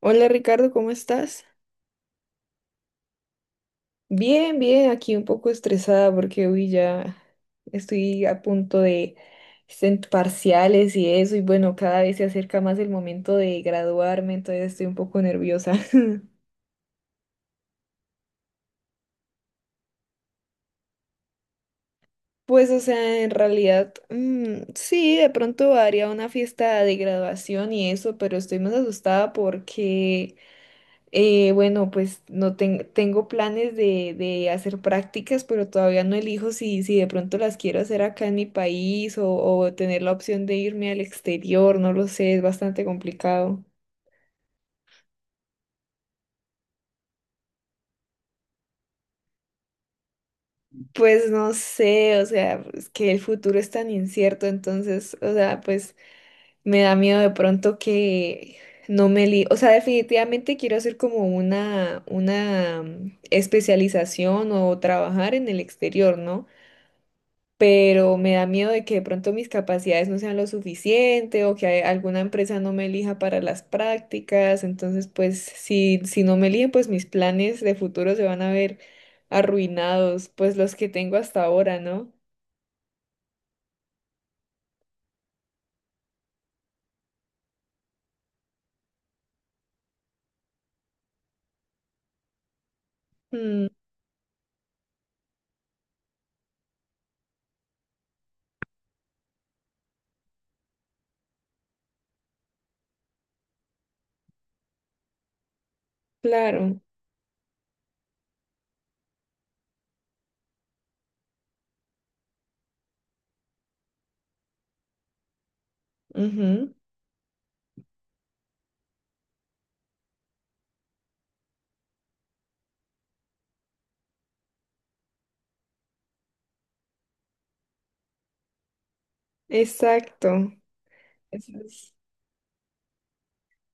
Hola Ricardo, ¿cómo estás? Bien, bien, aquí un poco estresada porque hoy ya estoy a punto de parciales y eso, y bueno, cada vez se acerca más el momento de graduarme, entonces estoy un poco nerviosa. Pues, o sea, en realidad, sí, de pronto haría una fiesta de graduación y eso, pero estoy más asustada porque. Bueno, pues no tengo planes de hacer prácticas, pero todavía no elijo si de pronto las quiero hacer acá en mi país o tener la opción de irme al exterior, no lo sé, es bastante complicado. Pues no sé, o sea, es que el futuro es tan incierto, entonces, o sea, pues me da miedo de pronto que no me li, o sea, definitivamente quiero hacer como una, una especialización o trabajar en el exterior, ¿no? Pero me da miedo de que de pronto mis capacidades no sean lo suficiente o que alguna empresa no me elija para las prácticas. Entonces, pues si no me eligen, pues mis planes de futuro se van a ver arruinados, pues los que tengo hasta ahora, ¿no? Mm, claro. Ujú. Exacto. Eso es.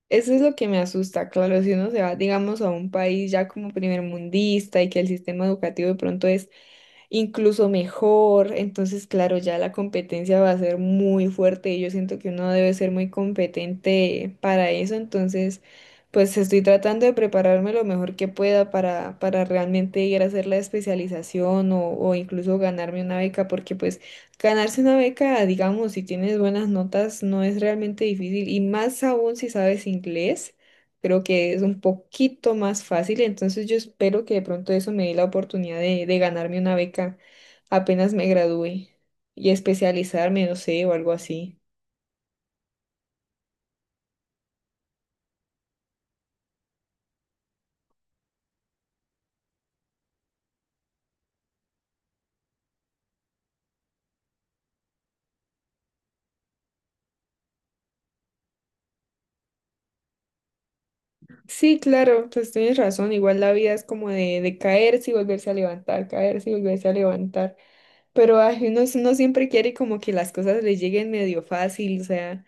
Eso es lo que me asusta, claro, si uno se va, digamos, a un país ya como primermundista y que el sistema educativo de pronto es incluso mejor, entonces, claro, ya la competencia va a ser muy fuerte y yo siento que uno debe ser muy competente para eso, entonces, pues estoy tratando de prepararme lo mejor que pueda para realmente ir a hacer la especialización o incluso ganarme una beca, porque pues... Ganarse una beca, digamos, si tienes buenas notas, no es realmente difícil y más aún si sabes inglés, creo que es un poquito más fácil, entonces yo espero que de pronto eso me dé la oportunidad de ganarme una beca apenas me gradúe y especializarme, no sé, o algo así. Sí, claro, pues tienes razón, igual la vida es como de caerse y volverse a levantar, caerse y volverse a levantar. Pero ay, uno, uno siempre quiere como que las cosas le lleguen medio fácil, o sea,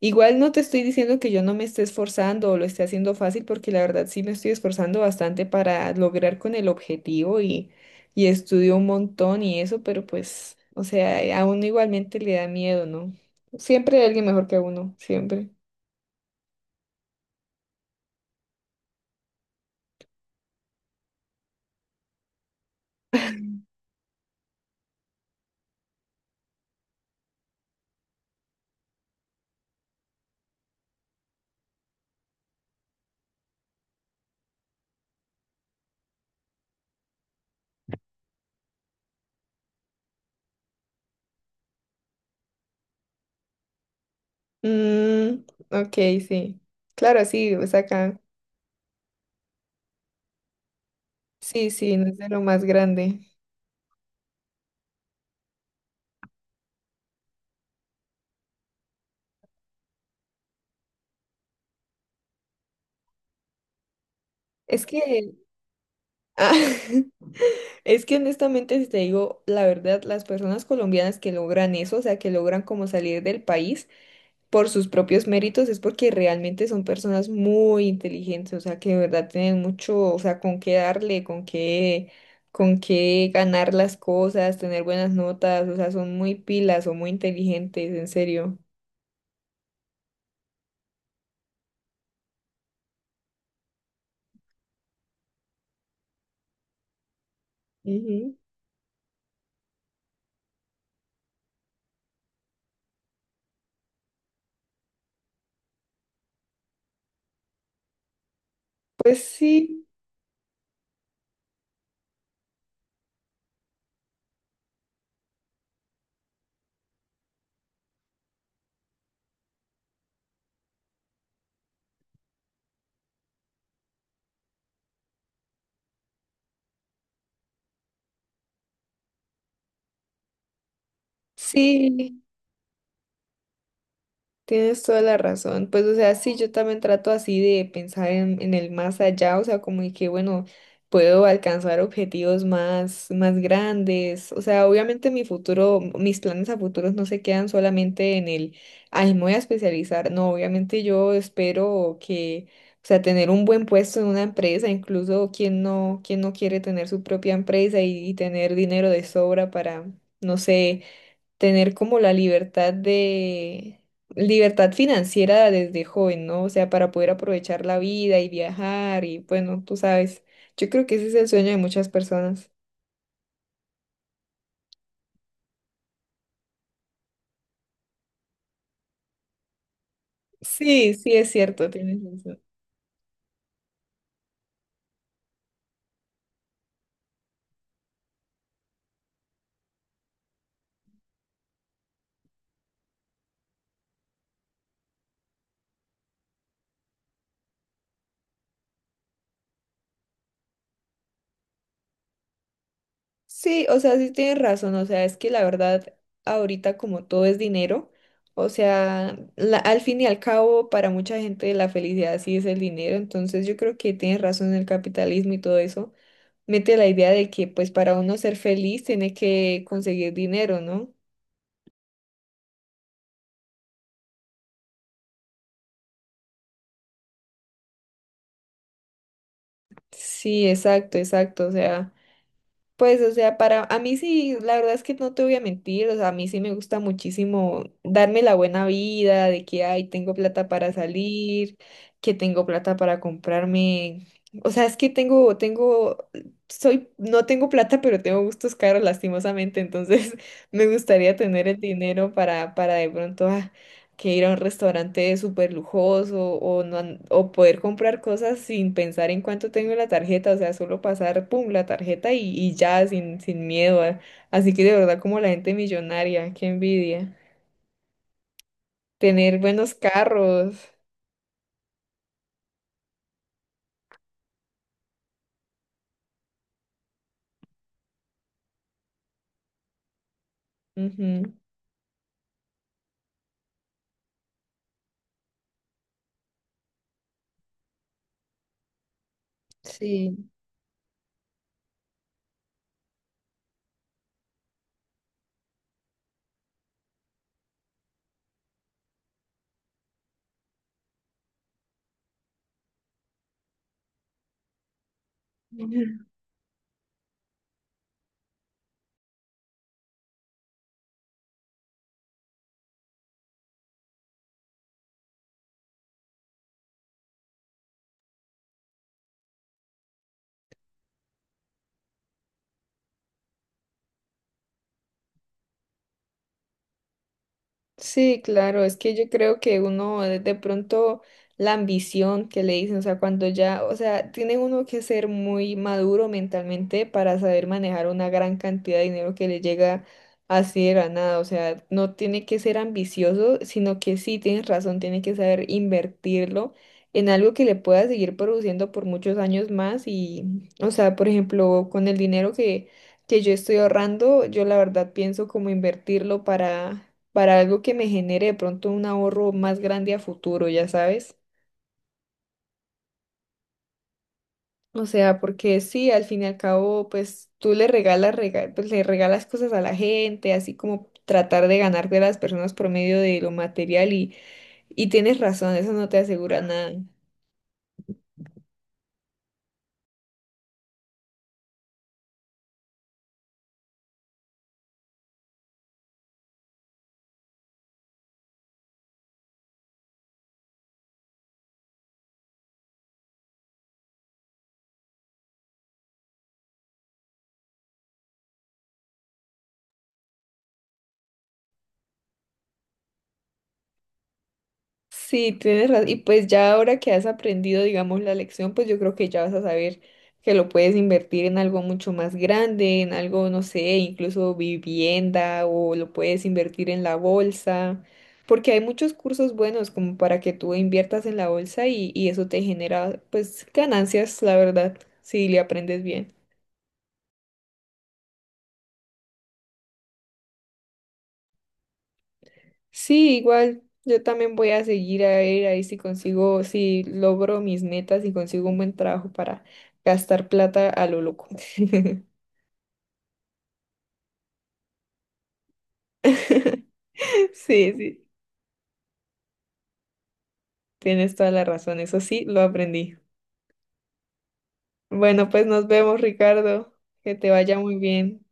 igual no te estoy diciendo que yo no me esté esforzando o lo esté haciendo fácil, porque la verdad sí me estoy esforzando bastante para lograr con el objetivo y estudio un montón y eso, pero pues, o sea, a uno igualmente le da miedo, ¿no? Siempre hay alguien mejor que uno, siempre. Mm, ok, sí. Claro, sí, o sea, acá. Sí, sí, no es de lo más grande. Es que, ah. Es que honestamente, si te digo la verdad, las personas colombianas que logran eso, o sea, que logran como salir del país por sus propios méritos, es porque realmente son personas muy inteligentes, o sea, que de verdad tienen mucho, o sea, con qué darle, con qué ganar las cosas, tener buenas notas, o sea, son muy pilas, son muy inteligentes, en serio. Ujú. Pues sí, sí. Tienes toda la razón. Pues, o sea, sí, yo también trato así de pensar en el más allá, o sea, como de que, bueno, puedo alcanzar objetivos más, más grandes. O sea, obviamente mi futuro, mis planes a futuros no se quedan solamente en el, ay, me voy a especializar. No, obviamente yo espero que, o sea, tener un buen puesto en una empresa, incluso quien no quiere tener su propia empresa y tener dinero de sobra para, no sé, tener como la libertad de, libertad financiera desde joven, ¿no? O sea, para poder aprovechar la vida y viajar y bueno, tú sabes, yo creo que ese es el sueño de muchas personas. Sí, sí, es cierto, tienes razón. Sí, o sea, sí tienes razón, o sea, es que la verdad, ahorita como todo es dinero, o sea, al fin y al cabo, para mucha gente la felicidad sí es el dinero, entonces yo creo que tienes razón en el capitalismo y todo eso, mete la idea de que pues para uno ser feliz tiene que conseguir dinero, ¿no? Sí, exacto, exacto, o sea. Pues, o sea, para a mí sí, la verdad es que no te voy a mentir, o sea, a mí sí me gusta muchísimo darme la buena vida de que, ay, tengo plata para salir, que tengo plata para comprarme, o sea, es que tengo, soy, no tengo plata, pero tengo gustos caros lastimosamente, entonces me gustaría tener el dinero para de pronto, que ir a un restaurante súper lujoso o, no, o poder comprar cosas sin pensar en cuánto tengo en la tarjeta, o sea, solo pasar, pum, la tarjeta y ya, sin miedo. Así que de verdad, como la gente millonaria, qué envidia. Tener buenos carros. Ujú. Sí. Sí, claro, es que yo creo que uno de pronto la ambición que le dicen, o sea, cuando ya, o sea, tiene uno que ser muy maduro mentalmente para saber manejar una gran cantidad de dinero que le llega así de la nada, o sea, no tiene que ser ambicioso, sino que sí, tienes razón, tiene que saber invertirlo en algo que le pueda seguir produciendo por muchos años más y, o sea, por ejemplo, con el dinero que yo estoy ahorrando, yo la verdad pienso como invertirlo para algo que me genere de pronto un ahorro más grande a futuro, ya sabes. O sea, porque sí, al fin y al cabo, pues tú le regalas, pues, le regalas cosas a la gente, así como tratar de ganar de las personas por medio de lo material y tienes razón, eso no te asegura nada. Sí, tienes razón. Y pues ya ahora que has aprendido, digamos, la lección, pues yo creo que ya vas a saber que lo puedes invertir en algo mucho más grande, en algo, no sé, incluso vivienda o lo puedes invertir en la bolsa, porque hay muchos cursos buenos como para que tú inviertas en la bolsa y eso te genera pues ganancias, la verdad, si le aprendes bien. Sí, igual yo también voy a seguir a ver ahí si consigo, si logro mis metas y consigo un buen trabajo para gastar plata a lo loco. Sí, sí, tienes toda la razón, eso sí, lo aprendí. Bueno, pues nos vemos, Ricardo, que te vaya muy bien.